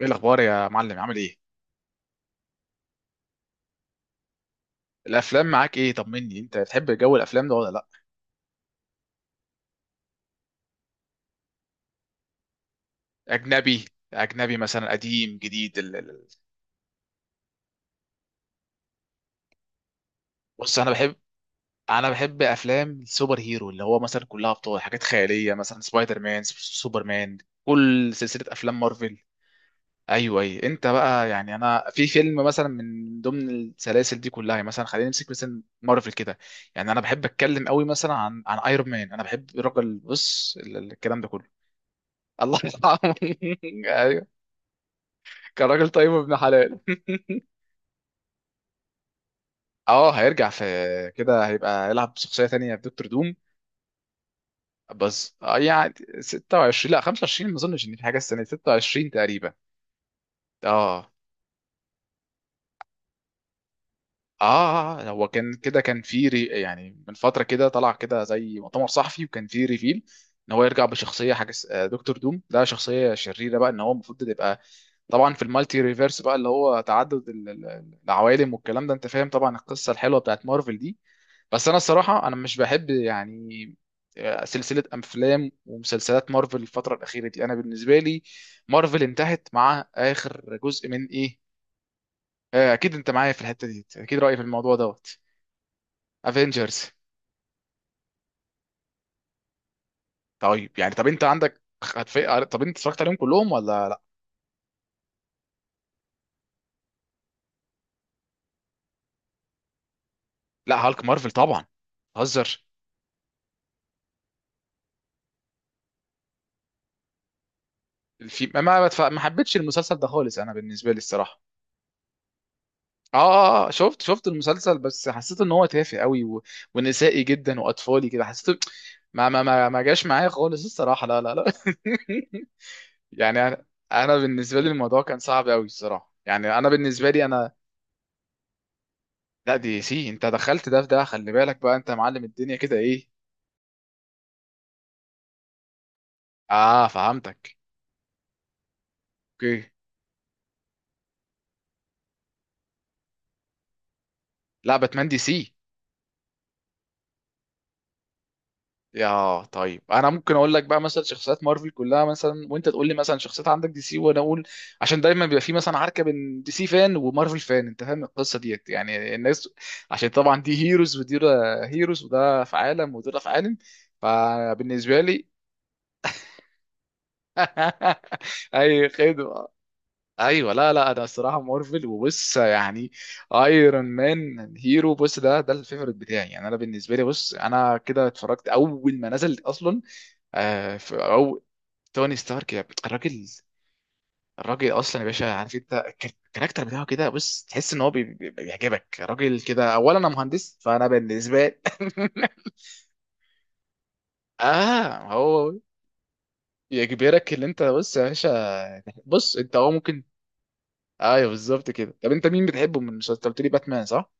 ايه الاخبار يا معلم؟ عامل ايه؟ الافلام معاك ايه؟ طمني، انت بتحب جو الافلام ده ولا لا؟ اجنبي. اجنبي مثلا قديم جديد بص انا بحب افلام السوبر هيرو، اللي هو مثلا كلها ابطال، حاجات خياليه مثلا سبايدر مان، سوبر مان، كل سلسله افلام مارفل. ايوه اي انت بقى، يعني انا في فيلم مثلا من ضمن السلاسل دي كلها، يعني مثلا خلينا نمسك مثلا مارفل كده، يعني انا بحب اتكلم قوي مثلا عن ايرون مان. انا بحب الراجل، بص الكلام ده كله. الله يرحمه. كان راجل طيب وابن حلال. اه، هيرجع في كده، هيبقى يلعب بشخصيه تانية في دكتور دوم. بس يعني 26، لا 25، ما اظنش ان في حاجه السنه دي، 26 تقريبا. اه اه. هو كان كده، كان في يعني من فتره كده طلع كده زي مؤتمر صحفي وكان في ريفيل ان هو يرجع بشخصيه حاجه دكتور دوم. ده شخصيه شريره بقى، ان هو المفروض تبقى طبعا في المالتي ريفيرس، بقى اللي هو تعدد العوالم والكلام ده، انت فاهم طبعا القصه الحلوه بتاعت مارفل دي. بس انا الصراحه انا مش بحب يعني، سلسله افلام ومسلسلات مارفل الفتره الاخيره دي، انا بالنسبه لي مارفل انتهت مع اخر جزء من ايه. اكيد انت معايا في الحته دي، اكيد رايي في الموضوع دوت. افنجرز. طيب يعني، طب انت عندك طب انت اتفرجت عليهم كلهم ولا لا؟ لا، هالك مارفل طبعا. هزر. في ما ما ما حبيتش المسلسل ده خالص، انا بالنسبه لي الصراحه. اه اه شفت المسلسل، بس حسيت ان هو تافه قوي و... ونسائي جدا واطفالي كده حسيت. ما جاش معايا خالص الصراحه، لا لا لا. يعني انا، انا بالنسبه لي الموضوع كان صعب قوي الصراحه، يعني انا بالنسبه لي انا. لا، دي سي. انت دخلت ده في ده، خلي بالك بقى انت يا معلم، الدنيا كده ايه؟ اه، فهمتك. اوكي. لا، باتمان دي سي. يا طيب، انا ممكن اقول لك بقى مثلا شخصيات مارفل كلها مثلا، وانت تقول لي مثلا شخصيات عندك دي سي، وانا اقول. عشان دايما بيبقى في مثلا عركه بين دي سي فان ومارفل فان، انت فاهم القصه ديت، يعني الناس، عشان طبعا دي هيروز ودي هيروز، وده في عالم وده في عالم، فبالنسبه لي. اي خدمه. ايوه، لا لا، انا الصراحه مارفل، وبص يعني ايرون مان هيرو، بص ده ده الفيفوريت بتاعي، يعني انا بالنسبه لي، بص انا كده اتفرجت اول ما نزل اصلا. في توني ستارك، الراجل، الراجل اصلا يا باشا، عارف انت الكاركتر بتاعه كده، بص تحس ان هو بيعجبك راجل كده. اولا انا مهندس، فانا بالنسبه لي. اه، هو يجبرك، اللي انت بص يا باشا، بص انت هو ممكن. ايوه بالظبط كده. طب انت مين بتحبه من المسلسل؟ أنت قلت لي باتمان صح؟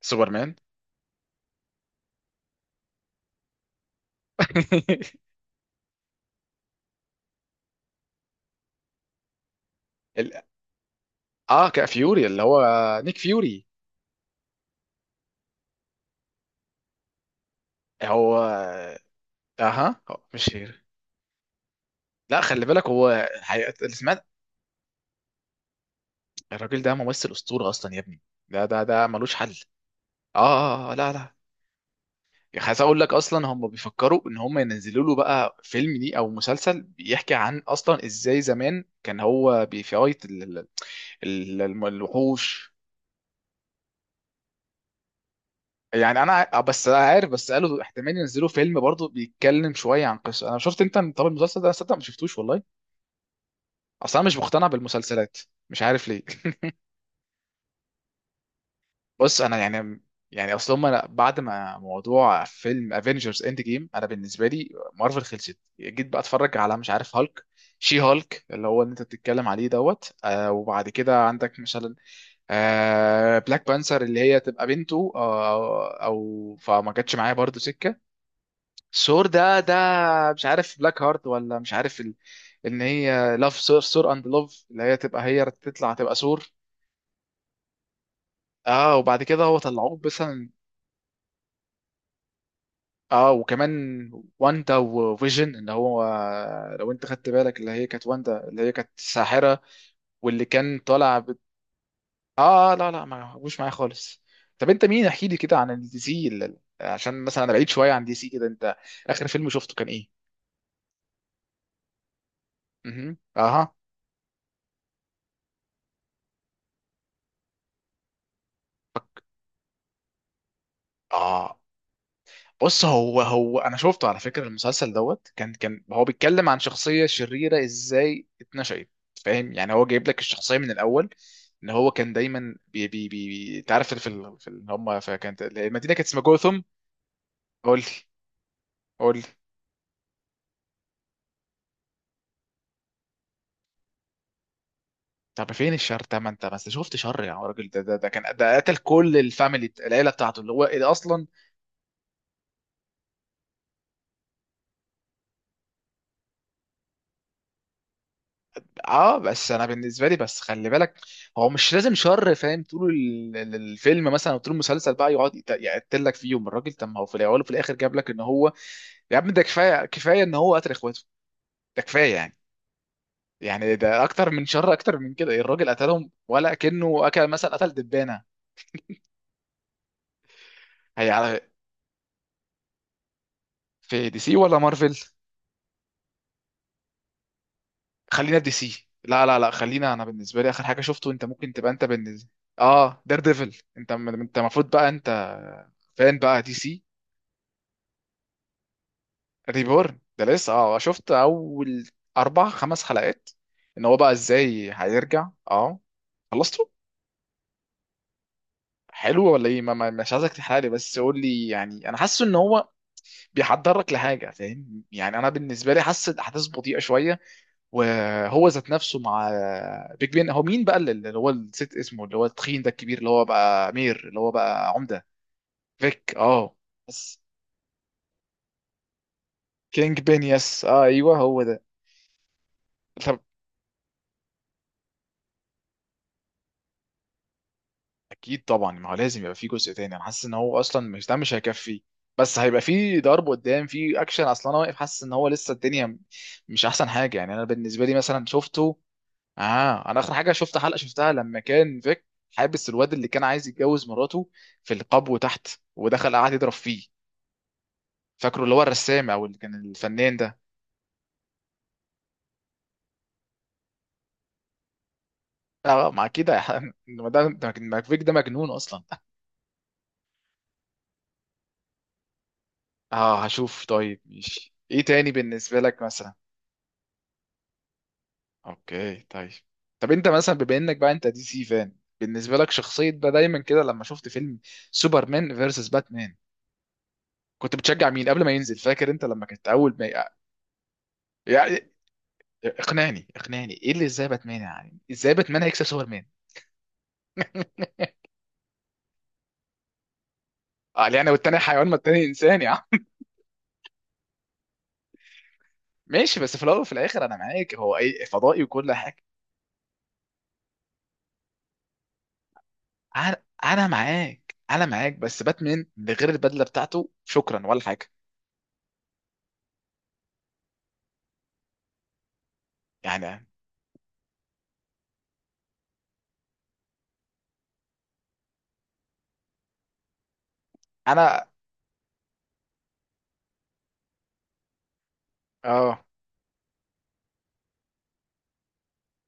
سوبرمان. ال... اه، كا فيوري اللي هو، نيك فيوري. هو اها، هو مش هير. لا، خلي بالك، هو حقيقة اللي سمعت. الراجل ده ممثل اسطوره اصلا يا ابني، ده ده ده ملوش حل. اه لا لا. عايز اقول لك اصلا، هم بيفكروا ان هم ينزلوا له بقى فيلم ليه او مسلسل بيحكي عن، اصلا ازاي زمان كان هو بيفايت الوحوش. يعني انا بس عارف، بس قالوا احتمال ينزلوا فيلم برضه بيتكلم شويه عن قصه، انا شفت انت. طب المسلسل ده أنا صدق ما شفتوش والله، اصلا مش مقتنع بالمسلسلات، مش عارف ليه. بص انا يعني، يعني اصل هم، أنا بعد ما موضوع فيلم افنجرز اند جيم، انا بالنسبه لي مارفل خلصت. جيت بقى اتفرج على، مش عارف، هالك، شي هالك اللي هو اللي انت بتتكلم عليه دوت. آه، وبعد كده عندك مثلا آه بلاك بانثر، اللي هي تبقى بنته، آه، او فما جاتش معايا برضو سكه. ثور ده ده، مش عارف بلاك هارت، ولا مش عارف ان هي لاف ثور، ثور اند لوف، اللي هي تبقى، هي تطلع تبقى ثور. اه، وبعد كده هو طلعوه بس. اه وكمان واندا وفيجن، اللي هو لو انت خدت بالك، اللي هي كانت واندا، اللي هي كانت ساحرة، واللي كان طالع اه لا لا، ما هوش معايا خالص. طب انت مين احكي لي كده عن الدي سي، عشان مثلا انا بعيد شوية عن دي سي كده. انت اخر فيلم شفته كان ايه؟ اها اها. فك... اه، بص هو هو انا شفته على فكره المسلسل دوت، كان كان هو بيتكلم عن شخصيه شريره ازاي اتنشأت، فاهم، يعني هو جايب لك الشخصيه من الاول، ان هو كان دايما بي بي بي انت عارف في هم، فكانت المدينه كانت اسمها جوثم. قول لي، قول لي. طب فين الشر؟ طب ما انت بس شفت شر يا راجل، ده ده ده كان، ده قتل كل الفاميلي، العيله بتاعته، اللي هو اللي اصلا. اه بس انا بالنسبه لي بس خلي بالك، هو مش لازم شر فاهم طول الفيلم مثلا، او طول المسلسل بقى يقعد يقتلك فيهم الراجل. طب ما هو في الاول وفي الاخر جاب لك ان هو، يا عم ده كفايه، كفايه ان هو قتل اخواته، ده كفايه يعني. يعني ده اكتر من شر، اكتر من كده، الراجل قتلهم ولا كأنه اكل، مثلا قتل دبانه. هي على، في دي سي ولا مارفل؟ خلينا في دي سي. لا لا لا، خلينا، انا بالنسبه لي اخر حاجه شفته، انت ممكن تبقى انت بالنسبه. اه، دير ديفل، انت انت المفروض بقى انت فان بقى دي سي. ريبورن ده لسه، اه شفت اول اربع خمس حلقات، ان هو بقى ازاي هيرجع. اه، خلصته. حلو ولا ايه؟ مش عايزك تحرق لي، بس قول لي، يعني انا حاسه ان هو بيحضرك لحاجه فاهم، يعني انا بالنسبه لي حاسس الاحداث بطيئه شويه، وهو ذات نفسه مع بيج بين، هو مين بقى اللي هو، الست اسمه، اللي هو التخين ده الكبير، اللي هو بقى مير، اللي هو بقى عمده. فيك، اه، بس. كينج بين، يس، اه ايوه هو ده. اكيد طبعا، ما هو لازم يبقى في جزء تاني، انا حاسس ان هو اصلا مش ده، مش هيكفي. بس هيبقى في ضرب قدام، في اكشن، اصلا انا واقف حاسس ان هو لسه الدنيا مش احسن حاجه. يعني انا بالنسبه لي مثلا شفته، اه، انا اخر حاجه شفت حلقه شفتها لما كان فيك حابس الواد اللي كان عايز يتجوز مراته في القبو تحت، ودخل قعد يضرب فيه، فاكره اللي هو الرسام، او اللي كان الفنان ده. اه ما اكيد ما ده ما فيك ده مجنون اصلا. اه، هشوف. طيب، ماشي. ايه تاني بالنسبه لك مثلا؟ اوكي، طيب. طب انت مثلا بما انك بقى انت دي سي فان، بالنسبه لك شخصيه بقى دايما كده، لما شفت فيلم سوبرمان فيرسس باتمان، كنت بتشجع مين قبل ما ينزل؟ فاكر انت لما كنت اول ما، يعني اقنعني، اقنعني، ايه اللي ازاي باتمان، يعني ازاي باتمان هيكسب سوبرمان؟ اه يعني، والتاني حيوان؟ ما التاني انسان يا عم. ماشي، بس في الاول وفي الاخر انا معاك، هو اي فضائي وكل حاجه. انا معاك، انا معاك، بس باتمان من غير البدله بتاعته شكرا، ولا حاجه يعني. انا، اه.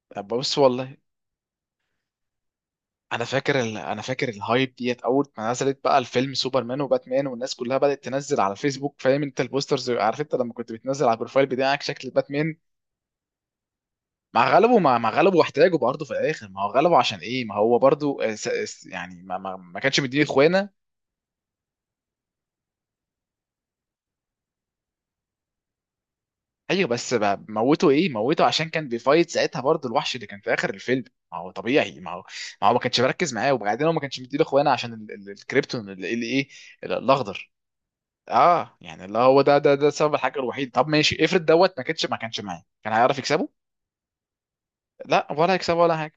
طب بص، والله انا فاكر انا فاكر الهايب ديت اول ما نزلت بقى الفيلم سوبرمان وباتمان، والناس كلها بدات تنزل على الفيسبوك، فاهم انت البوسترز، عارف انت لما كنت بتنزل على البروفايل بتاعك شكل باتمان؟ مع غلبه، مع غلبه واحتاجه برضه في الاخر، ما هو غلبه. عشان ايه؟ ما هو برضه يعني ما كانش مديني اخوانا. ايوه بس بقى، موته ايه موته؟ عشان كان بيفايت ساعتها برضه الوحش اللي كان في اخر الفيلم، ما هو طبيعي، ما هو ما كانش مركز معاه، وبعدين هو ما كانش مديني اخوانا عشان الكريبتون، اللي اللي ايه، الاخضر. اه يعني، اللي هو ده ده ده السبب، الحاجه الوحيد. طب ماشي، افرض دوت ما كانش، ما كانش معايا، كان هيعرف يكسبه؟ لا، ولا هيكسبه ولا حاجه.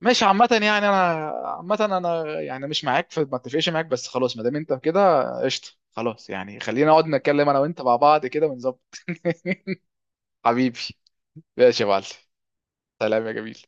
ماشي عامة، يعني انا عامة انا، يعني مش معاك في، ما اتفقش معاك، بس خلاص ما دام انت كده قشطه، خلاص يعني خلينا نقعد نتكلم انا وانت مع بعض كده ونظبط. حبيبي. ماشي يا معلم. سلام يا جميل.